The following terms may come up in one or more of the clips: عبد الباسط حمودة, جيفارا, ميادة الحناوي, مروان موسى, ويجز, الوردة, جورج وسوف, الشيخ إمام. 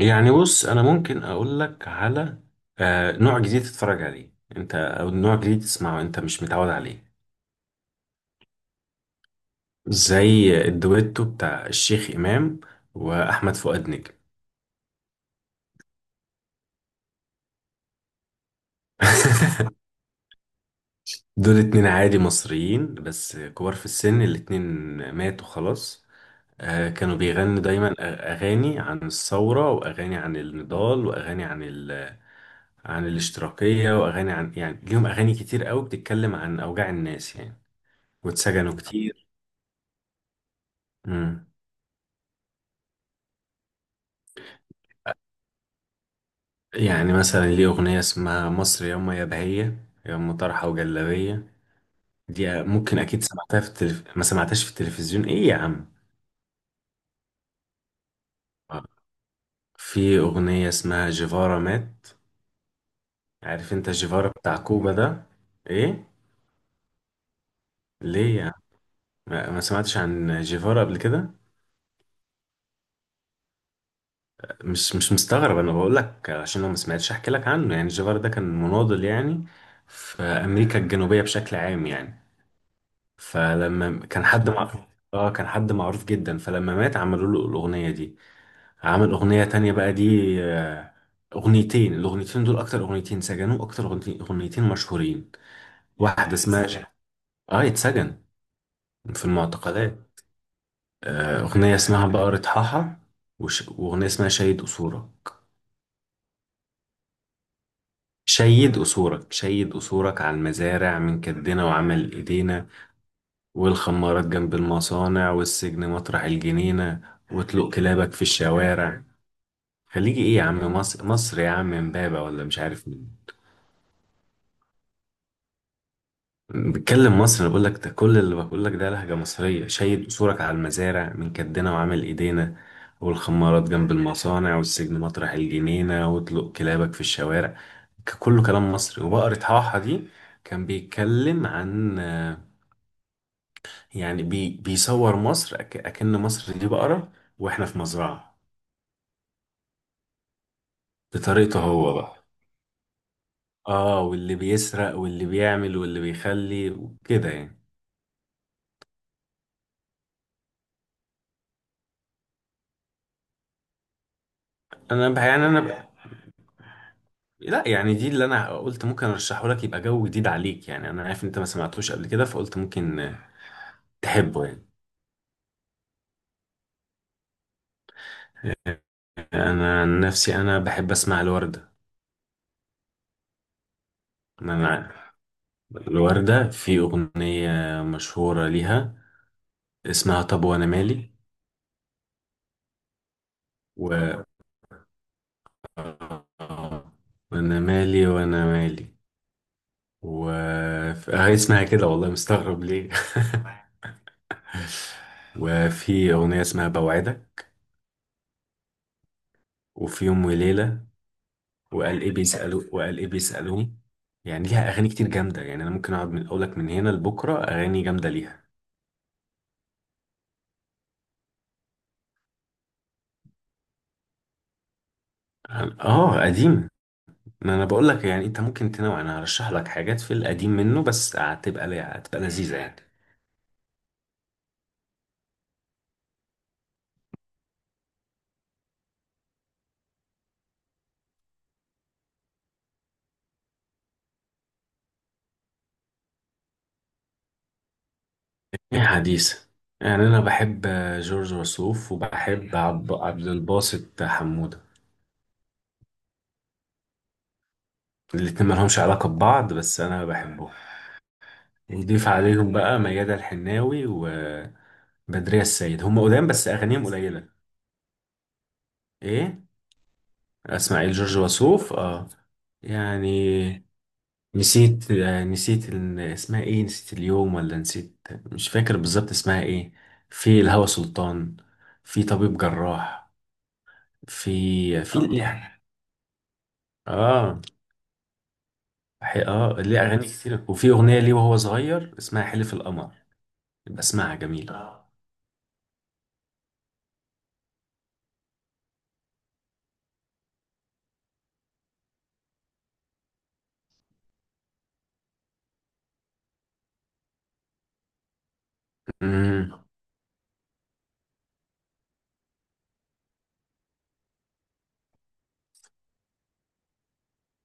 يعني بص انا ممكن اقول لك على نوع جديد تتفرج عليه انت، او نوع جديد تسمعه انت مش متعود عليه، زي الدويتو بتاع الشيخ امام واحمد فؤاد نجم. دول اتنين عادي مصريين بس كبار في السن الاتنين، ماتوا خلاص. كانوا بيغنوا دايما اغاني عن الثوره، واغاني عن النضال، واغاني عن عن الاشتراكيه، واغاني عن يعني ليهم اغاني كتير قوي بتتكلم عن اوجاع الناس يعني، واتسجنوا كتير. مم. يعني مثلا ليه أغنية اسمها مصر ياما يا بهية ياما طرحة وجلابية، دي ممكن أكيد سمعتها في ما سمعتهاش في التلفزيون إيه يا عم؟ آه. في أغنية اسمها جيفارا مات. عارف أنت جيفارا بتاع كوبا ده؟ إيه. ليه يا عم؟ ما سمعتش عن جيفارا قبل كده؟ مش مستغرب، أنا بقول لك عشان لو ما سمعتش أحكي لك عنه. يعني جيفارا ده كان مناضل يعني في أمريكا الجنوبية بشكل عام يعني، فلما كان حد لا معروف جامد، اه كان حد معروف جدا، فلما مات عملوا له الأغنية دي. عمل أغنية تانية بقى دي، آه، أغنيتين. الأغنيتين دول أكتر أغنيتين سجنوا، أكتر أغنيتين، أغنيتين مشهورين. واحدة اسمها ازاي، اه اتسجن في المعتقلات، أغنية اسمها بقرة حاحة، وأغنية اسمها شيد أصولك. شيد أصولك شيد أصولك على المزارع من كدنا وعمل إيدينا، والخمارات جنب المصانع، والسجن مطرح الجنينة، وطلق كلابك في الشوارع. خليجي ايه يا عم؟ مصر، مصر يا عم، امبابة ولا مش عارف مين. بتكلم مصر، انا بقول لك ده كل اللي بقول لك ده لهجة مصرية: شايل قصورك على المزارع من كدنا وعامل ايدينا، والخمارات جنب المصانع، والسجن مطرح الجنينة، واطلق كلابك في الشوارع. كله كلام مصري. وبقرة حاحة دي كان بيتكلم عن يعني بيصور مصر أكن مصر دي بقرة، واحنا في مزرعة، بطريقته هو بقى. اه واللي بيسرق واللي بيعمل واللي بيخلي وكده يعني. يعني يعني لا، يعني دي اللي انا قلت ممكن ارشحه لك، يبقى جو جديد عليك يعني. انا عارف إن انت ما سمعتوش قبل كده، فقلت ممكن تحبه يعني. انا عن نفسي انا بحب اسمع الوردة. انا الوردة في اغنية مشهورة ليها اسمها طب وانا مالي، و وانا مالي وانا مالي و هي اسمها كده والله، مستغرب ليه؟ وفي اغنية اسمها بوعدك، وفي يوم وليلة، وقال ايه بيسألوا، وقال ايه بيسألوه. يعني ليها اغاني كتير جامده يعني، انا ممكن اقعد من اقولك من هنا لبكره اغاني جامده ليها. اه قديم. ما انا بقول لك يعني، انت ممكن تنوع، انا هرشح لك حاجات في القديم منه بس هتبقى، هتبقى لذيذه يعني. ايه حديث. يعني انا بحب جورج وسوف، وبحب عبد الباسط حموده. الاتنين مالهمش علاقه ببعض بس انا بحبهم. نضيف عليهم بقى ميادة الحناوي وبدرية السيد، هم قدام بس اغانيهم قليله. ايه؟ اسماعيل جورج وسوف اه. يعني نسيت، نسيت اسمها ايه، نسيت اليوم ولا نسيت، مش فاكر بالظبط اسمها ايه. في الهوى سلطان، في طبيب جراح، في آه. ليه؟ اه اه ليه اغاني كتير، وفي اغنيه ليه وهو صغير اسمها حلف القمر، يبقى اسمعها جميله. امم.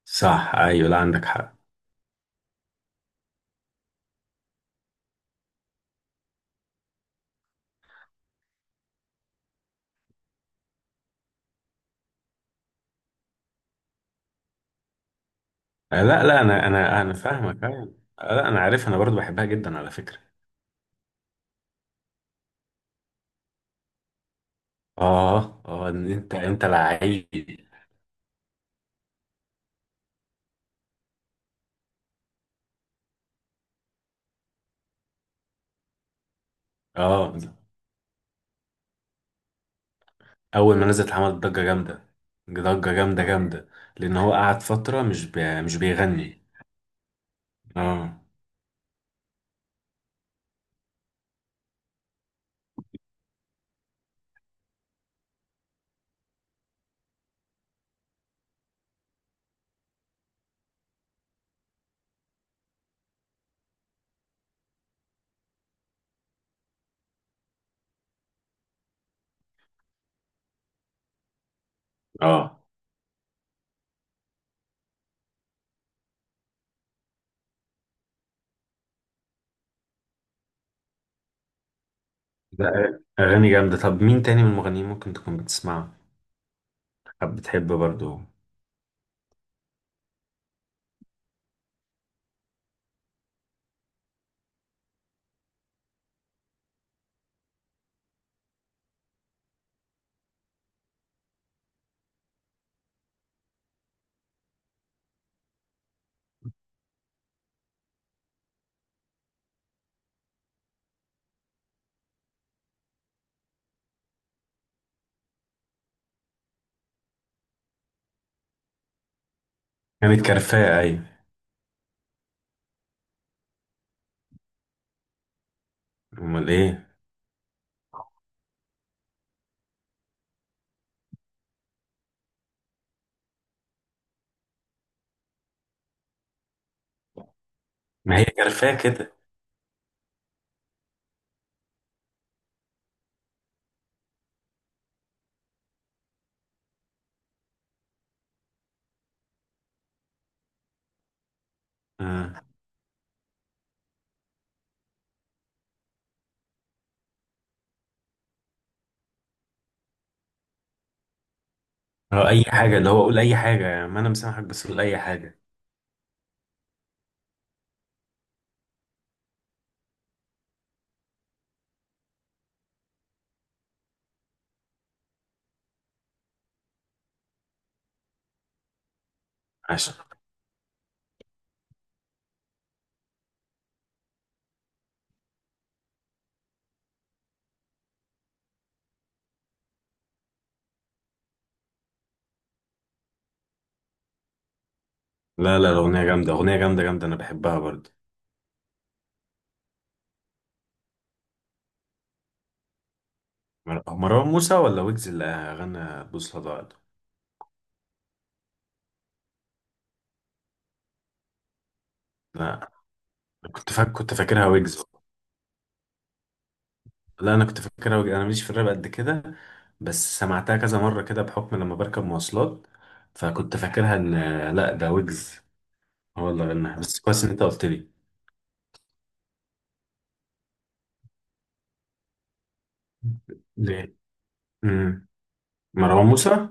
صح، ايوه، لا عندك حق. لا لا، انا فاهمك أيوة. لا انا عارف، انا برضو بحبها جدا على فكره. اه اه، إن انت لعيب. اه اول ما نزلت عمل ضجه جامده، ضجه جامده جامده، لان هو قعد فتره مش بيغني. اه. اه لا اغاني جامده. طب مين تاني من المغنيين ممكن تكون بتسمعه، حب بتحب برضو؟ كانت كرفاء ايوه. امال ايه؟ ما هي كرفاء كده. اه. أو اي حاجه، اللي هو قول اي حاجه يعني، ما انا مسامحك بس قول اي حاجه. عشان. لا لا الاغنيه جامده، اغنيه جامده جامده، انا بحبها برضو. هو مروان موسى ولا ويجز اللي غنى بوصلة ضاعت؟ لا، أنا كنت فاكر، كنت فاكرها ويجز. لا انا كنت فاكرها ويجز، انا ماليش في الراب قد كده، بس سمعتها كذا مرة كده بحكم لما بركب مواصلات، فكنت فاكرها ان لا ده ويجز هو اللي غناها. بس كويس ان انت قلت لي. ليه؟ امم. مروان موسى.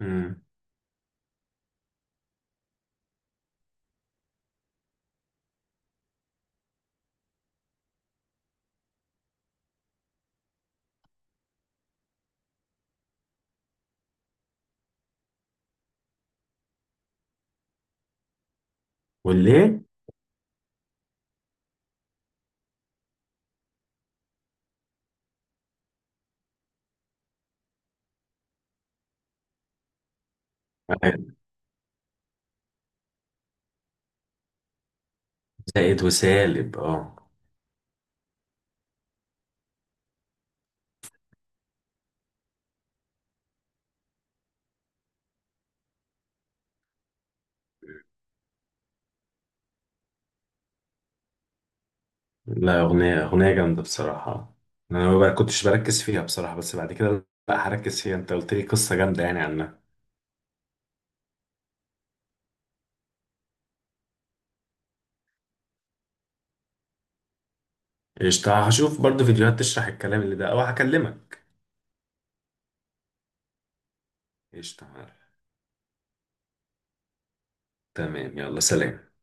امم. والايه؟ زائد وسالب اه. لا اغنية، اغنية جامدة بصراحة. انا ما بقى- كنتش بركز فيها بصراحة، بس بعد كده لا هركز فيها، انت قلت لي قصة جامدة يعني عنها. قشطة، هشوف برضه فيديوهات تشرح الكلام اللي ده أو هكلمك. قشطة. تمام، يلا سلام.